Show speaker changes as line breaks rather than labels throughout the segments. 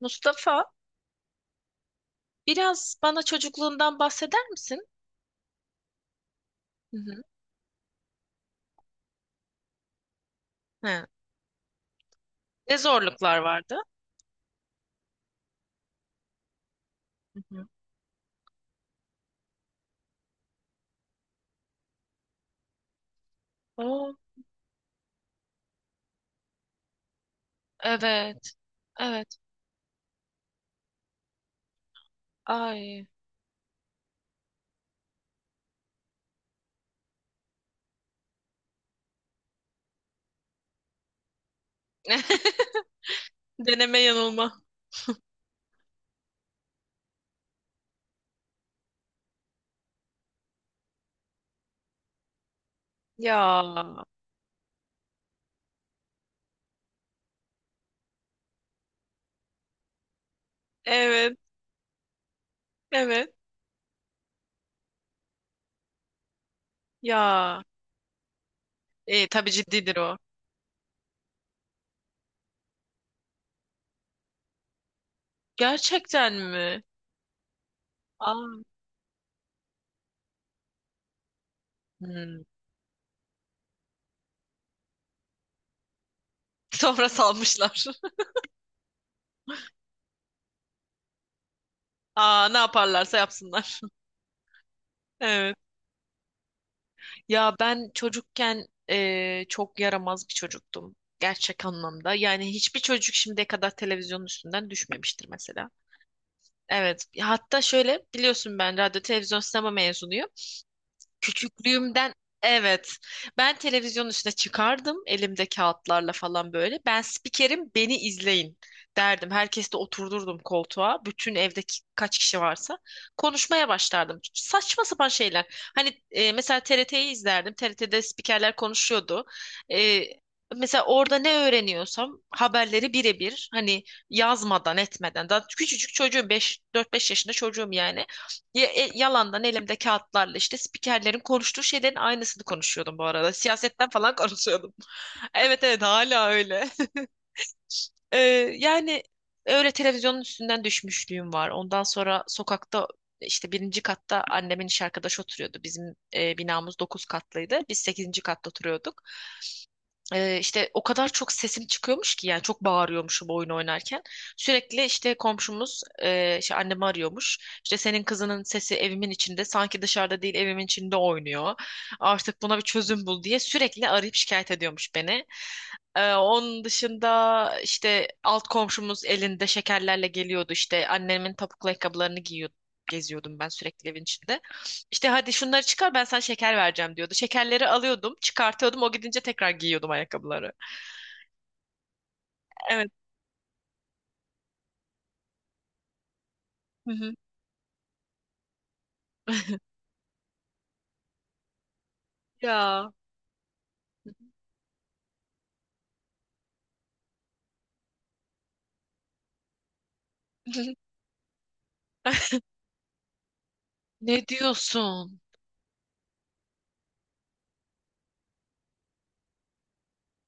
Mustafa, biraz bana çocukluğundan bahseder misin? Hı hı. He. Ne zorluklar vardı? Hı hı. Oo, evet. Evet. Ay. Deneme yanılma. Ya. Evet. Evet. Ya. Tabii ciddidir o. Gerçekten mi? Aa. Hmm. Sonra salmışlar. Aa, ne yaparlarsa yapsınlar. Evet. Ya ben çocukken çok yaramaz bir çocuktum. Gerçek anlamda. Yani hiçbir çocuk şimdiye kadar televizyonun üstünden düşmemiştir mesela. Evet. Hatta şöyle biliyorsun, ben radyo televizyon sinema mezunuyum. Küçüklüğümden evet. Ben televizyonun üstüne çıkardım, elimde kağıtlarla falan böyle. Ben spikerim, beni izleyin derdim. Herkesi de oturdurdum koltuğa. Bütün evdeki kaç kişi varsa konuşmaya başlardım. Saçma sapan şeyler. Hani mesela TRT'yi izlerdim. TRT'de spikerler konuşuyordu. E, mesela orada ne öğreniyorsam haberleri birebir, hani yazmadan etmeden, daha küçücük çocuğum, 5 4-5 yaşında çocuğum yani, yalandan elimde kağıtlarla işte spikerlerin konuştuğu şeylerin aynısını konuşuyordum bu arada. Siyasetten falan konuşuyordum. Evet evet, hala öyle. Ee, yani öyle televizyonun üstünden düşmüşlüğüm var. Ondan sonra sokakta işte 1. katta annemin iş arkadaşı oturuyordu. Bizim binamız 9 katlıydı. Biz 8. katta oturuyorduk. İşte o kadar çok sesim çıkıyormuş ki, yani çok bağırıyormuşum oyun oynarken. Sürekli işte komşumuz işte annemi arıyormuş. İşte senin kızının sesi evimin içinde, sanki dışarıda değil evimin içinde oynuyor. Artık buna bir çözüm bul diye sürekli arayıp şikayet ediyormuş beni. Onun dışında işte alt komşumuz elinde şekerlerle geliyordu, işte annemin topuklu ayakkabılarını giyiyordum. Geziyordum ben sürekli evin içinde. İşte hadi şunları çıkar, ben sana şeker vereceğim diyordu. Şekerleri alıyordum, çıkartıyordum. O gidince tekrar giyiyordum ayakkabıları. Evet. Hı hı. Ya. Ne diyorsun?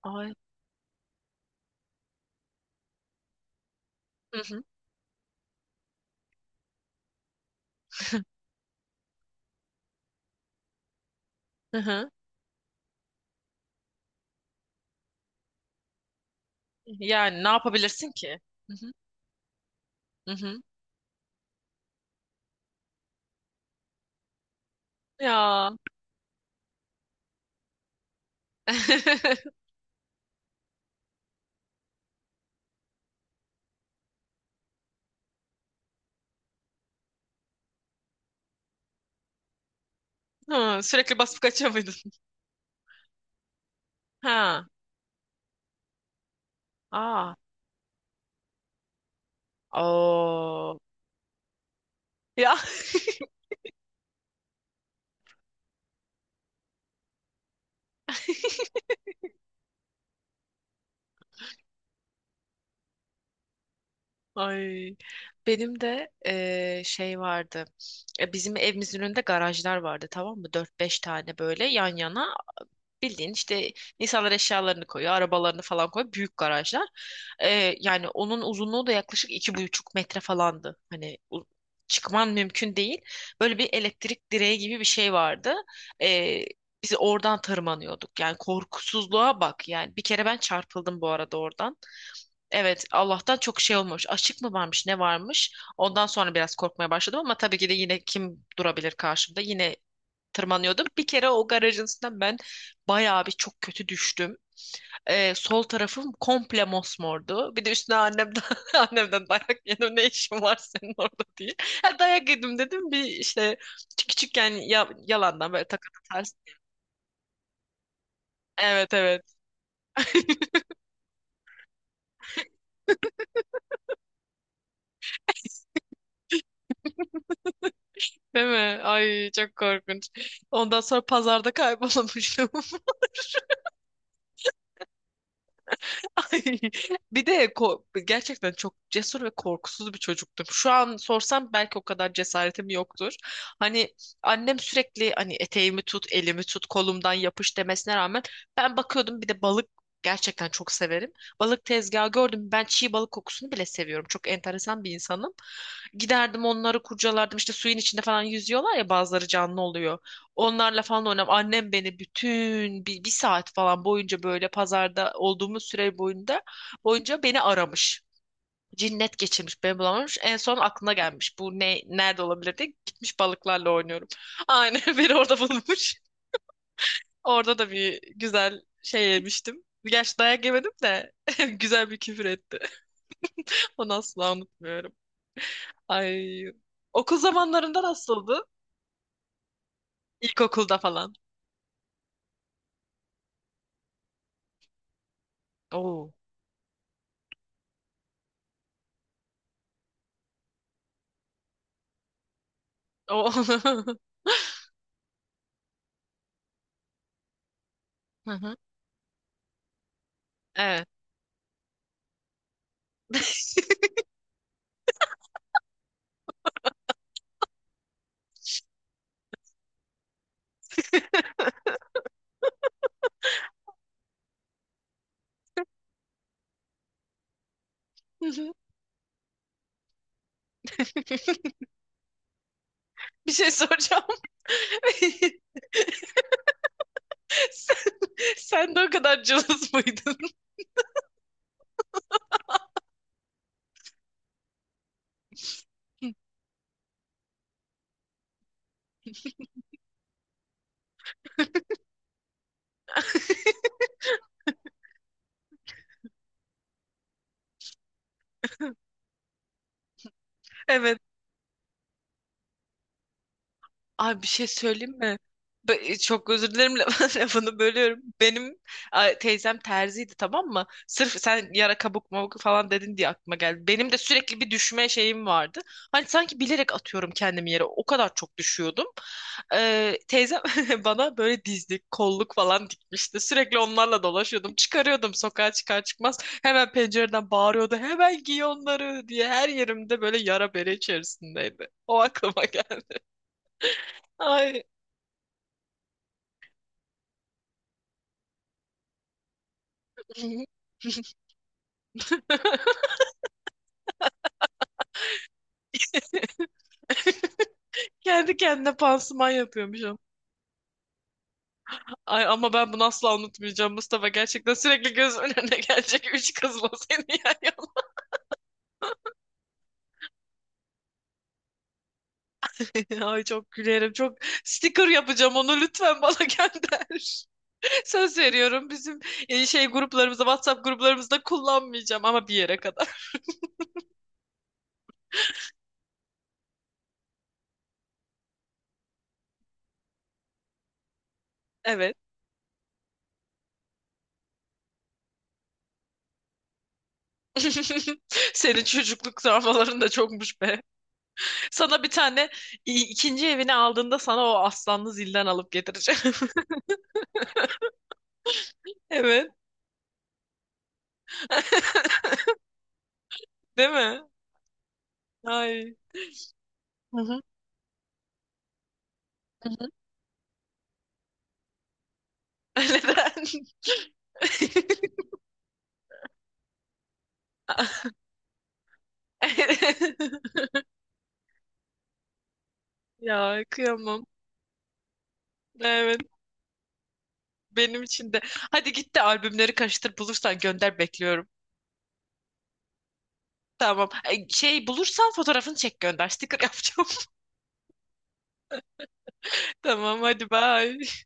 Ay. Hı hı. Hı hı. Yani ne yapabilirsin ki? Hı hı. Hı hı. Ya. Hı, sürekli basıp kaçıyor muydun? Ha. Aa. Oo. Ya ay, benim de şey vardı. Bizim evimizin önünde garajlar vardı, tamam mı? Dört beş tane böyle yan yana, bildiğin işte, insanlar eşyalarını koyuyor, arabalarını falan koyuyor. Büyük garajlar. Yani onun uzunluğu da yaklaşık 2,5 metre falandı. Çıkman mümkün değil. Böyle bir elektrik direği gibi bir şey vardı. E, biz oradan tırmanıyorduk. Yani korkusuzluğa bak. Yani bir kere ben çarpıldım bu arada oradan. Evet, Allah'tan çok şey olmamış. Açık mı varmış, ne varmış? Ondan sonra biraz korkmaya başladım, ama tabii ki de yine kim durabilir karşımda? Yine tırmanıyordum. Bir kere o garajın üstünden ben bayağı bir çok kötü düştüm. Sol tarafım komple mosmordu. Bir de üstüne annemden annemden dayak yedim. Ne işin var senin orada diye. Ha, dayak yedim dedim. Bir işte küçükken ya, yalandan böyle takılı ters. Evet evet. Değil mi? Ay çok korkunç. Ondan sonra pazarda kaybolmuştum. Ay, gerçekten çok cesur ve korkusuz bir çocuktum. Şu an sorsam belki o kadar cesaretim yoktur. Hani annem sürekli hani eteğimi tut, elimi tut, kolumdan yapış demesine rağmen ben bakıyordum, bir de balık gerçekten çok severim. Balık tezgahı gördüm. Ben çiğ balık kokusunu bile seviyorum. Çok enteresan bir insanım. Giderdim onları kurcalardım. İşte suyun içinde falan yüzüyorlar ya, bazıları canlı oluyor. Onlarla falan oynam. Annem beni bütün bir saat falan boyunca böyle pazarda olduğumuz süre boyunca beni aramış. Cinnet geçirmiş, beni bulamamış. En son aklına gelmiş. Bu ne nerede olabilir diye gitmiş, balıklarla oynuyorum. Aynen beni orada bulmuş. Orada da bir güzel şey yemiştim. Gerçi dayak yemedim de güzel bir küfür etti. Onu asla unutmuyorum. Ay. Okul zamanlarında nasıldı? İlkokulda falan. Oo. Oo. Hı hı. Evet. Hı hı. Bir şey soracağım. Sen, sen de o kadar cılız mıydın? Evet. Ay bir şey söyleyeyim mi? Çok özür dilerim, lafını bölüyorum. Benim ay, teyzem terziydi tamam mı? Sırf sen yara kabuk mabuk falan dedin diye aklıma geldi. Benim de sürekli bir düşme şeyim vardı. Hani sanki bilerek atıyorum kendimi yere. O kadar çok düşüyordum. Teyzem bana böyle dizlik, kolluk falan dikmişti. Sürekli onlarla dolaşıyordum. Çıkarıyordum sokağa çıkar çıkmaz. Hemen pencereden bağırıyordu. Hemen giy onları diye. Her yerimde böyle yara bere içerisindeydi. O aklıma geldi. Ay kendi kendine pansuman yapıyormuş ama. Ay ama ben bunu asla unutmayacağım Mustafa. Gerçekten sürekli gözümün önüne gelecek üç kızla seni yan yana. Ay çok gülerim. Çok sticker yapacağım, onu lütfen bana gönder. Söz veriyorum, bizim şey gruplarımızda, WhatsApp gruplarımızda kullanmayacağım, ama bir yere kadar. Evet. Senin çocukluk travmaların da çokmuş be. Sana bir tane ikinci evini aldığında sana o aslanlı zilden alıp getireceğim. Evet. Değil mi? Ay. Hı hı. Hı hı. Neden? Ya kıyamam. Evet. Benim için de. Hadi git de albümleri karıştır, bulursan gönder, bekliyorum. Tamam. Ay, şey bulursan fotoğrafını çek gönder. Sticker yapacağım. Tamam hadi bye.